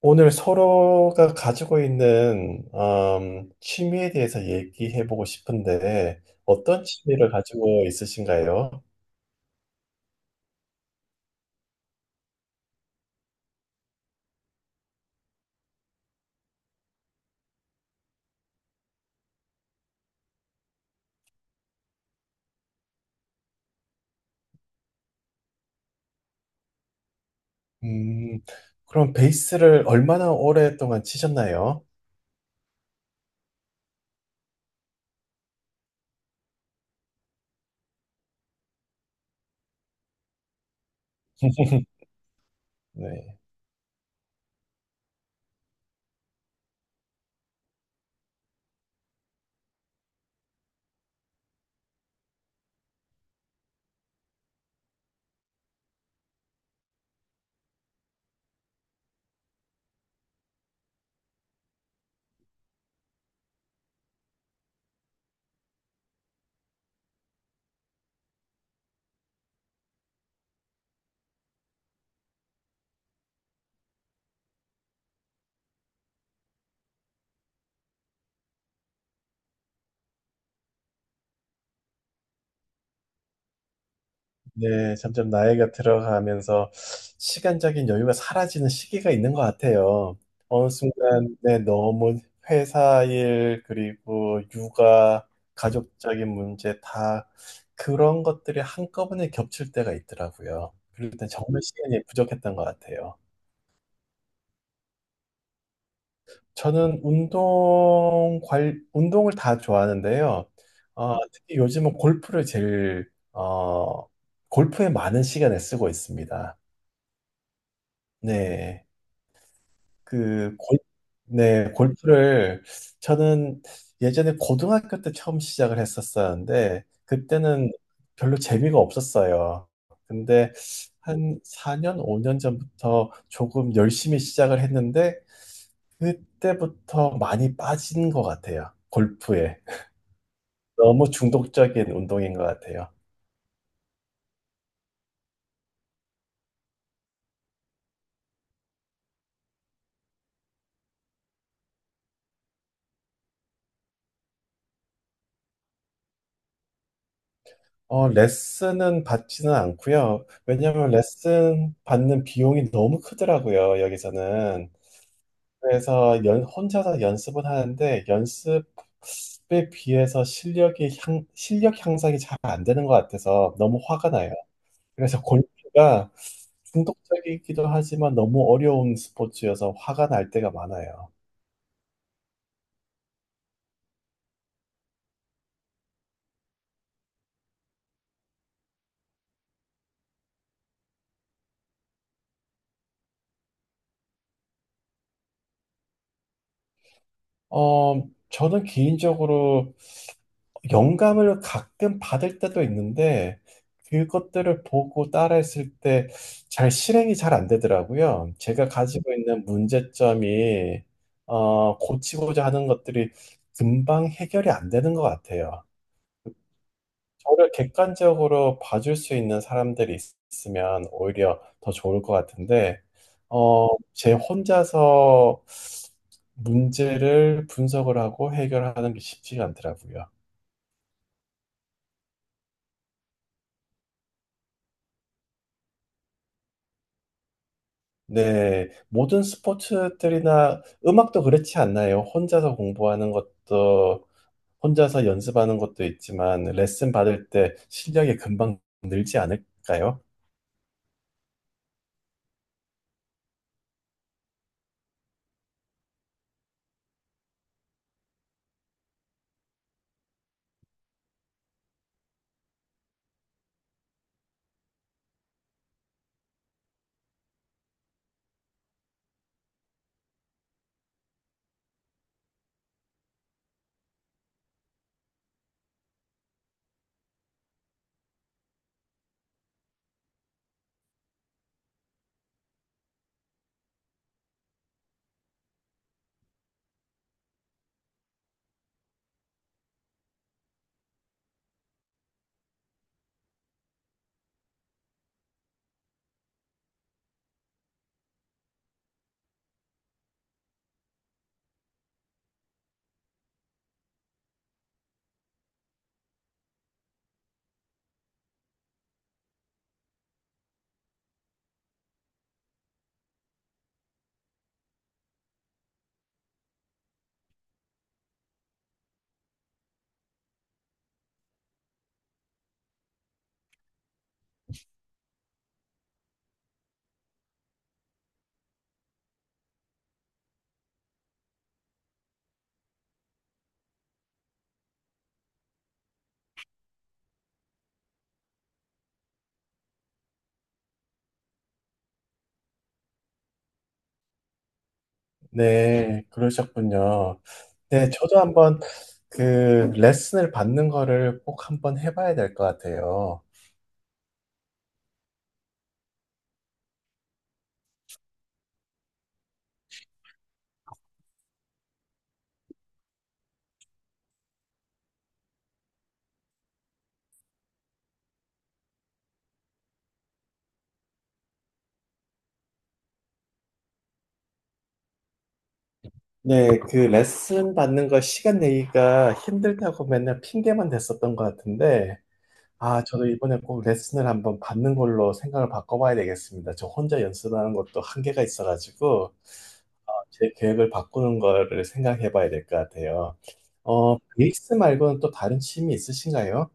오늘 서로가 가지고 있는 취미에 대해서 얘기해보고 싶은데 어떤 취미를 가지고 있으신가요? 음. 그럼 베이스를 얼마나 오랫동안 치셨나요? 네. 네, 점점 나이가 들어가면서 시간적인 여유가 사라지는 시기가 있는 것 같아요. 어느 순간, 네, 너무 회사 일, 그리고 육아, 가족적인 문제 다 그런 것들이 한꺼번에 겹칠 때가 있더라고요. 그럴 땐 정말 시간이 부족했던 것 같아요. 저는 운동 관, 운동을 다 좋아하는데요. 특히 요즘은 골프를 제일, 골프에 많은 시간을 쓰고 있습니다. 네. 그 골, 네, 골프를 저는 예전에 고등학교 때 처음 시작을 했었었는데 그때는 별로 재미가 없었어요. 근데 한 4년, 5년 전부터 조금 열심히 시작을 했는데 그때부터 많이 빠진 것 같아요. 골프에. 너무 중독적인 운동인 것 같아요. 레슨은 받지는 않고요. 왜냐하면 레슨 받는 비용이 너무 크더라고요, 여기서는. 그래서 연, 혼자서 연습은 하는데 연습에 비해서 실력이 향, 실력 향상이 잘 안 되는 것 같아서 너무 화가 나요. 그래서 골프가 중독적이기도 하지만 너무 어려운 스포츠여서 화가 날 때가 많아요. 저는 개인적으로 영감을 가끔 받을 때도 있는데 그것들을 보고 따라했을 때 잘 실행이 잘 안 되더라고요. 제가 가지고 있는 문제점이 고치고자 하는 것들이 금방 해결이 안 되는 것 같아요. 저를 객관적으로 봐줄 수 있는 사람들이 있으면 오히려 더 좋을 것 같은데, 제 혼자서 문제를 분석을 하고 해결하는 게 쉽지가 않더라고요. 네, 모든 스포츠들이나 음악도 그렇지 않나요? 혼자서 공부하는 것도, 혼자서 연습하는 것도 있지만, 레슨 받을 때 실력이 금방 늘지 않을까요? 네, 그러셨군요. 네, 네. 저도 한번 그 레슨을 받는 거를 꼭 한번 해봐야 될 것 같아요. 네, 그 레슨 받는 거 시간 내기가 힘들다고 맨날 핑계만 댔었던 것 같은데, 아, 저도 이번에 꼭 레슨을 한번 받는 걸로 생각을 바꿔봐야 되겠습니다. 저 혼자 연습하는 것도 한계가 있어가지고, 제 계획을 바꾸는 거를 생각해봐야 될 것 같아요. 베이스 말고는 또 다른 취미 있으신가요?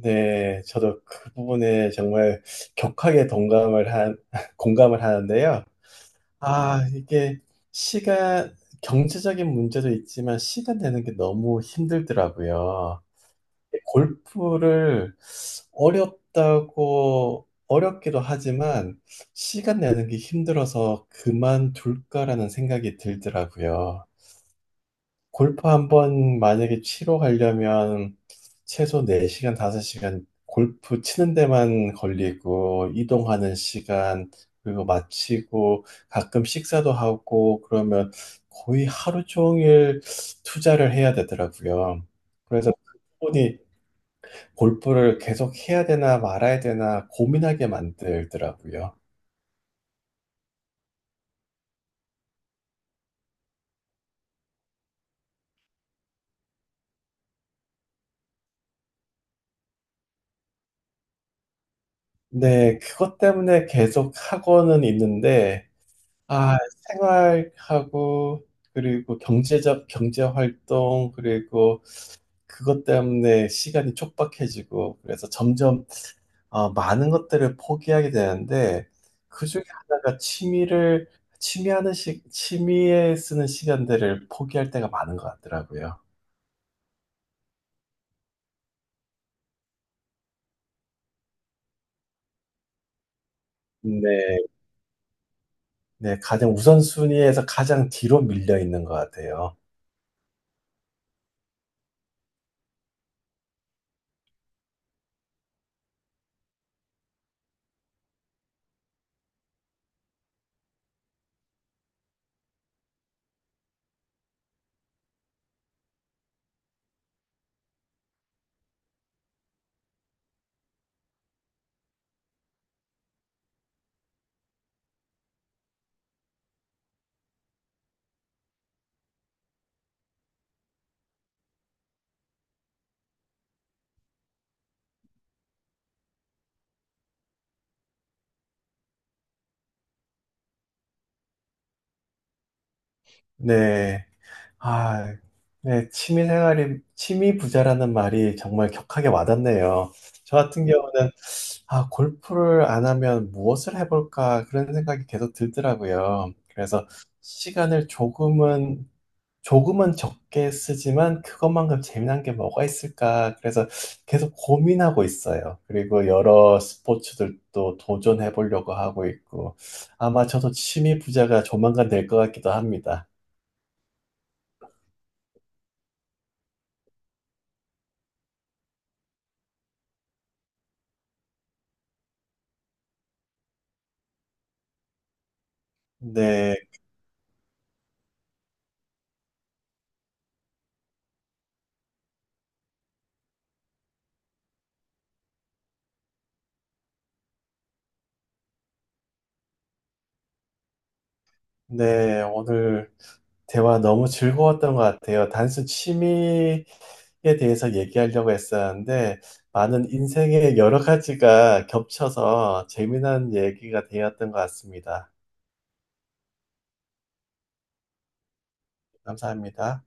네, 저도 그 부분에 정말 격하게 동감을 한, 공감을 하는데요. 아, 이게 시간, 경제적인 문제도 있지만 시간 되는 게 너무 힘들더라고요. 골프를 어렵다고, 어렵기도 하지만 시간 내는 게 힘들어서 그만둘까라는 생각이 들더라고요. 골프 한번 만약에 치러 가려면 최소 4시간, 5시간 골프 치는 데만 걸리고 이동하는 시간 그리고 마치고 가끔 식사도 하고 그러면 거의 하루 종일 투자를 해야 되더라고요. 그래서 그분이 골프를 계속 해야 되나 말아야 되나 고민하게 만들더라고요. 네, 그것 때문에 계속 하고는 있는데 아, 생활하고, 그리고 경제적, 경제활동, 그리고 그것 때문에 시간이 촉박해지고, 그래서 점점 많은 것들을 포기하게 되는데, 그 중에 하나가 취미를, 취미하는 시, 취미에 쓰는 시간들을 포기할 때가 많은 것 같더라고요. 네, 네, 가장 우선순위에서 가장 뒤로 밀려 있는 것 같아요. 네. 아, 네, 취미 생활이, 취미 부자라는 말이 정말 격하게 와닿네요. 저 같은 경우는, 아, 골프를 안 하면 무엇을 해볼까, 그런 생각이 계속 들더라고요. 그래서 시간을 조금은, 조금은 적게 쓰지만 그것만큼 재미난 게 뭐가 있을까, 그래서 계속 고민하고 있어요. 그리고 여러 스포츠들도 도전해 보려고 하고 있고, 아마 저도 취미 부자가 조만간 될 것 같기도 합니다. 네, 네, 오늘 대화 너무 즐거웠던 것 같아요. 단순 취미에 대해서 얘기하려고 했었는데, 많은 인생의 여러 가지가 겹쳐서 재미난 얘기가 되었던 것 같습니다. 감사합니다.